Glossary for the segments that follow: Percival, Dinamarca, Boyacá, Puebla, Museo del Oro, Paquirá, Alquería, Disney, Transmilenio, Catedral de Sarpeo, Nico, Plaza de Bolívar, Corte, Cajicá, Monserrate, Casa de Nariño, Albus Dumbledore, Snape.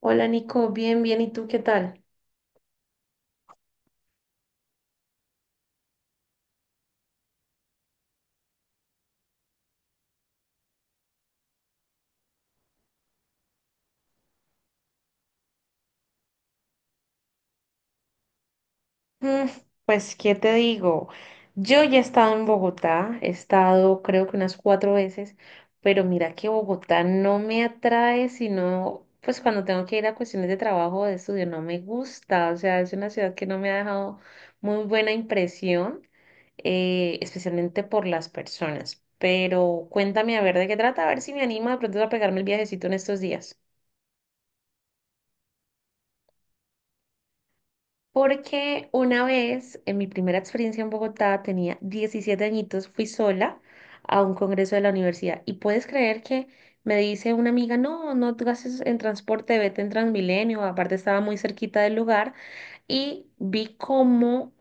Hola Nico, bien, bien, ¿y tú qué tal? Mm, Pues, ¿qué te digo? Yo ya he estado en Bogotá, he estado creo que unas cuatro veces, pero mira que Bogotá no me atrae, sino pues cuando tengo que ir a cuestiones de trabajo o de estudio, no me gusta, o sea, es una ciudad que no me ha dejado muy buena impresión, especialmente por las personas. Pero cuéntame a ver de qué trata, a ver si me anima de pronto a pegarme el viajecito en estos días. Porque una vez, en mi primera experiencia en Bogotá, tenía 17 añitos, fui sola a un congreso de la universidad. Y puedes creer que me dice una amiga, no, no te gastes en transporte, vete en Transmilenio. Aparte estaba muy cerquita del lugar. Y vi como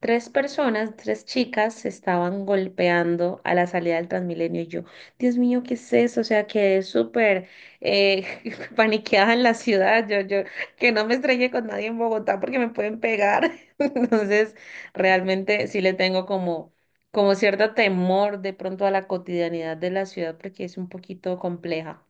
tres personas, tres chicas, se estaban golpeando a la salida del Transmilenio. Y yo, Dios mío, ¿qué es eso? O sea, quedé súper eh, paniqueada en la ciudad. Yo que no me estrelle con nadie en Bogotá porque me pueden pegar. Entonces, realmente sí le tengo como cierto temor de pronto a la cotidianidad de la ciudad porque es un poquito compleja.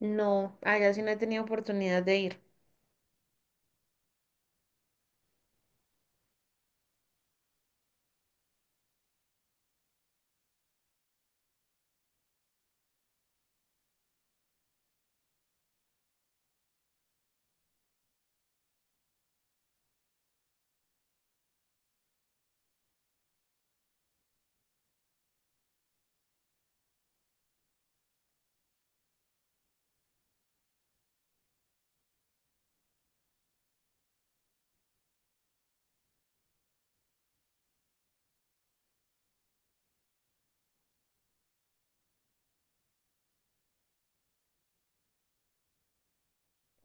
No, allá sí no he tenido oportunidad de ir.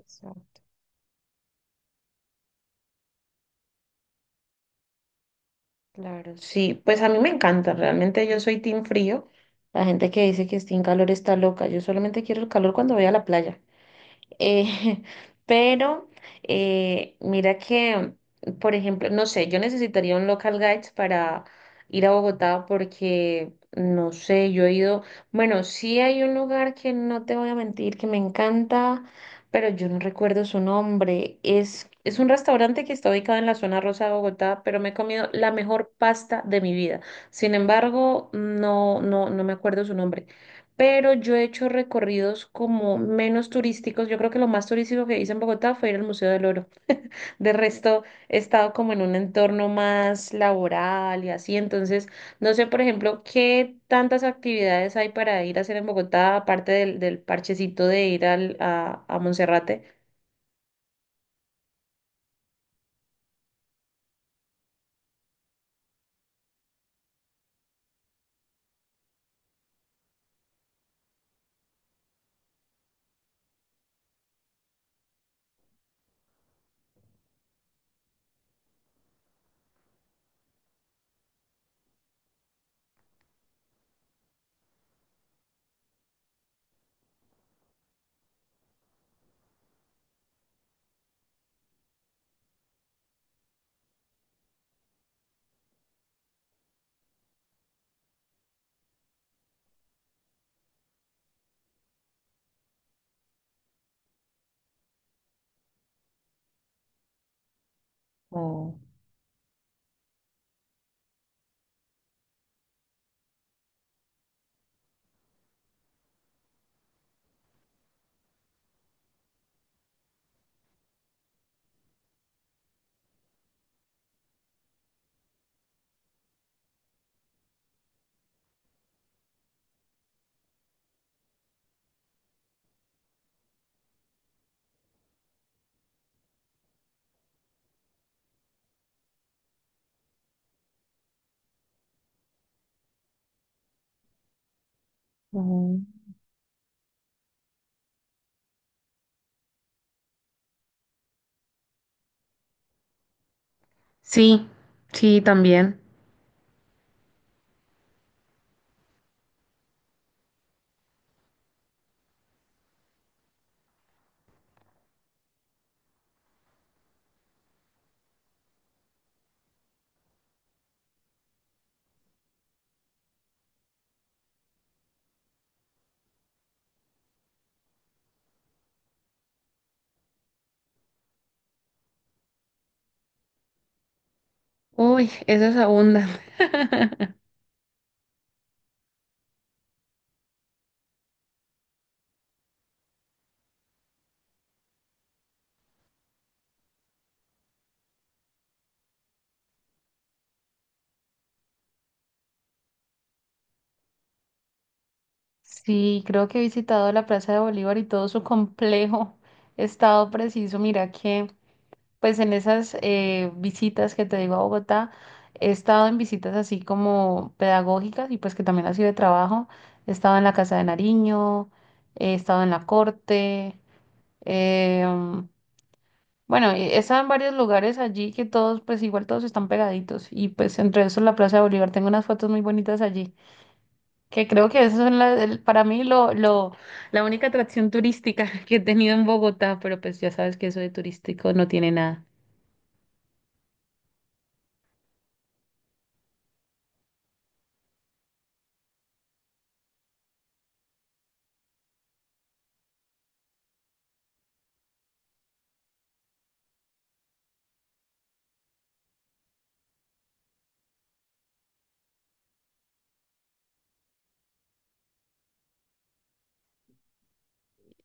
Eso, claro. Sí, pues a mí me encanta, realmente yo soy team frío. La gente que dice que es team calor está loca. Yo solamente quiero el calor cuando voy a la playa. Eh, pero mira que, por ejemplo, no sé, yo necesitaría un local guides para ir a Bogotá porque, no sé, yo he ido, bueno, sí hay un lugar que no te voy a mentir, que me encanta, pero yo no recuerdo su nombre. Es un restaurante que está ubicado en la zona rosa de Bogotá, pero me he comido la mejor pasta de mi vida. Sin embargo, no, no, no me acuerdo su nombre, pero yo he hecho recorridos como menos turísticos. Yo creo que lo más turístico que hice en Bogotá fue ir al Museo del Oro. De resto, he estado como en un entorno más laboral y así. Entonces, no sé, por ejemplo, qué tantas actividades hay para ir a hacer en Bogotá, aparte del parchecito de ir a Monserrate. Oh. o- Sí, sí, también. Uy, eso es abundante. Sí, creo que he visitado la Plaza de Bolívar y todo su complejo estado preciso. Mira que, pues en esas visitas que te digo a Bogotá, he estado en visitas así como pedagógicas y pues que también ha sido de trabajo. He estado en la Casa de Nariño, he estado en la Corte. eh, bueno, he estado en varios lugares allí que todos, pues igual todos están pegaditos. Y pues entre esos la Plaza de Bolívar, tengo unas fotos muy bonitas allí que creo que eso es para mí la única atracción turística que he tenido en Bogotá, pero pues ya sabes que eso de turístico no tiene nada.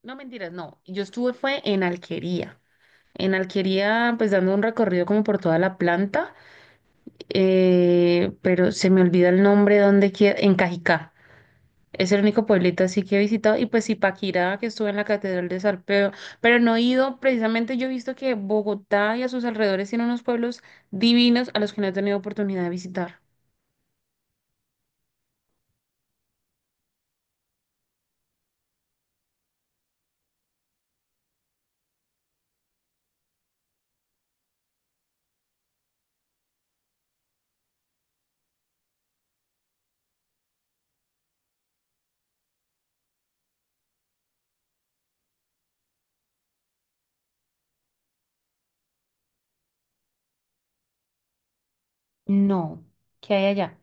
No, mentiras, no. Yo estuve fue en Alquería. En Alquería, pues dando un recorrido como por toda la planta, pero se me olvida el nombre donde queda, en Cajicá. Es el único pueblito así que he visitado. Y pues sí, Paquirá, que estuve en la Catedral de Sarpeo, pero no he ido. Precisamente yo he visto que Bogotá y a sus alrededores tiene unos pueblos divinos a los que no he tenido oportunidad de visitar. No, ¿qué hay allá?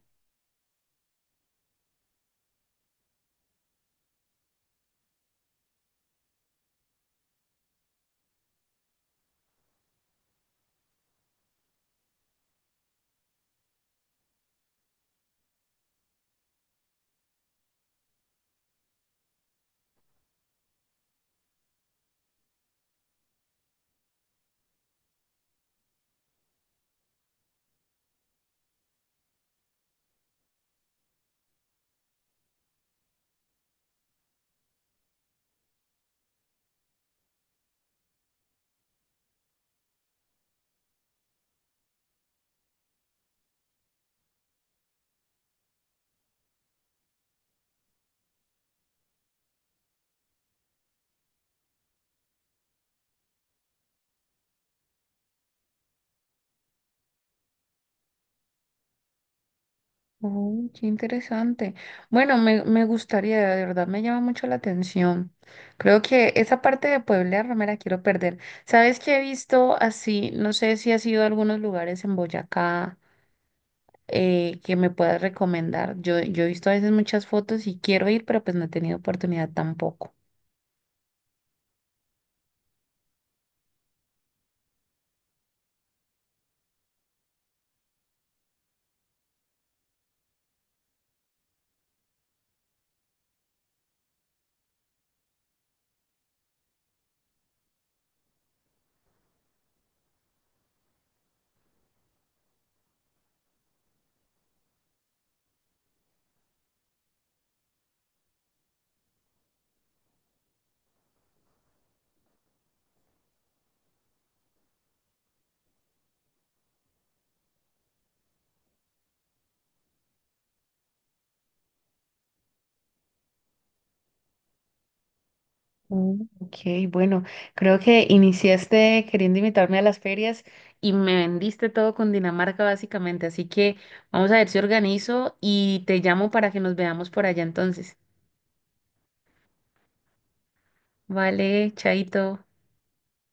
Oh, qué interesante. Bueno, me gustaría, de verdad, me llama mucho la atención. Creo que esa parte de Puebla no me la quiero perder. ¿Sabes qué he visto así? No sé si has ido a algunos lugares en Boyacá que me puedas recomendar. Yo he visto a veces muchas fotos y quiero ir, pero pues no he tenido oportunidad tampoco. Mm, ok, bueno, creo que iniciaste queriendo invitarme a las ferias y me vendiste todo con Dinamarca básicamente, así que vamos a ver si organizo y te llamo para que nos veamos por allá entonces. Vale, chaito.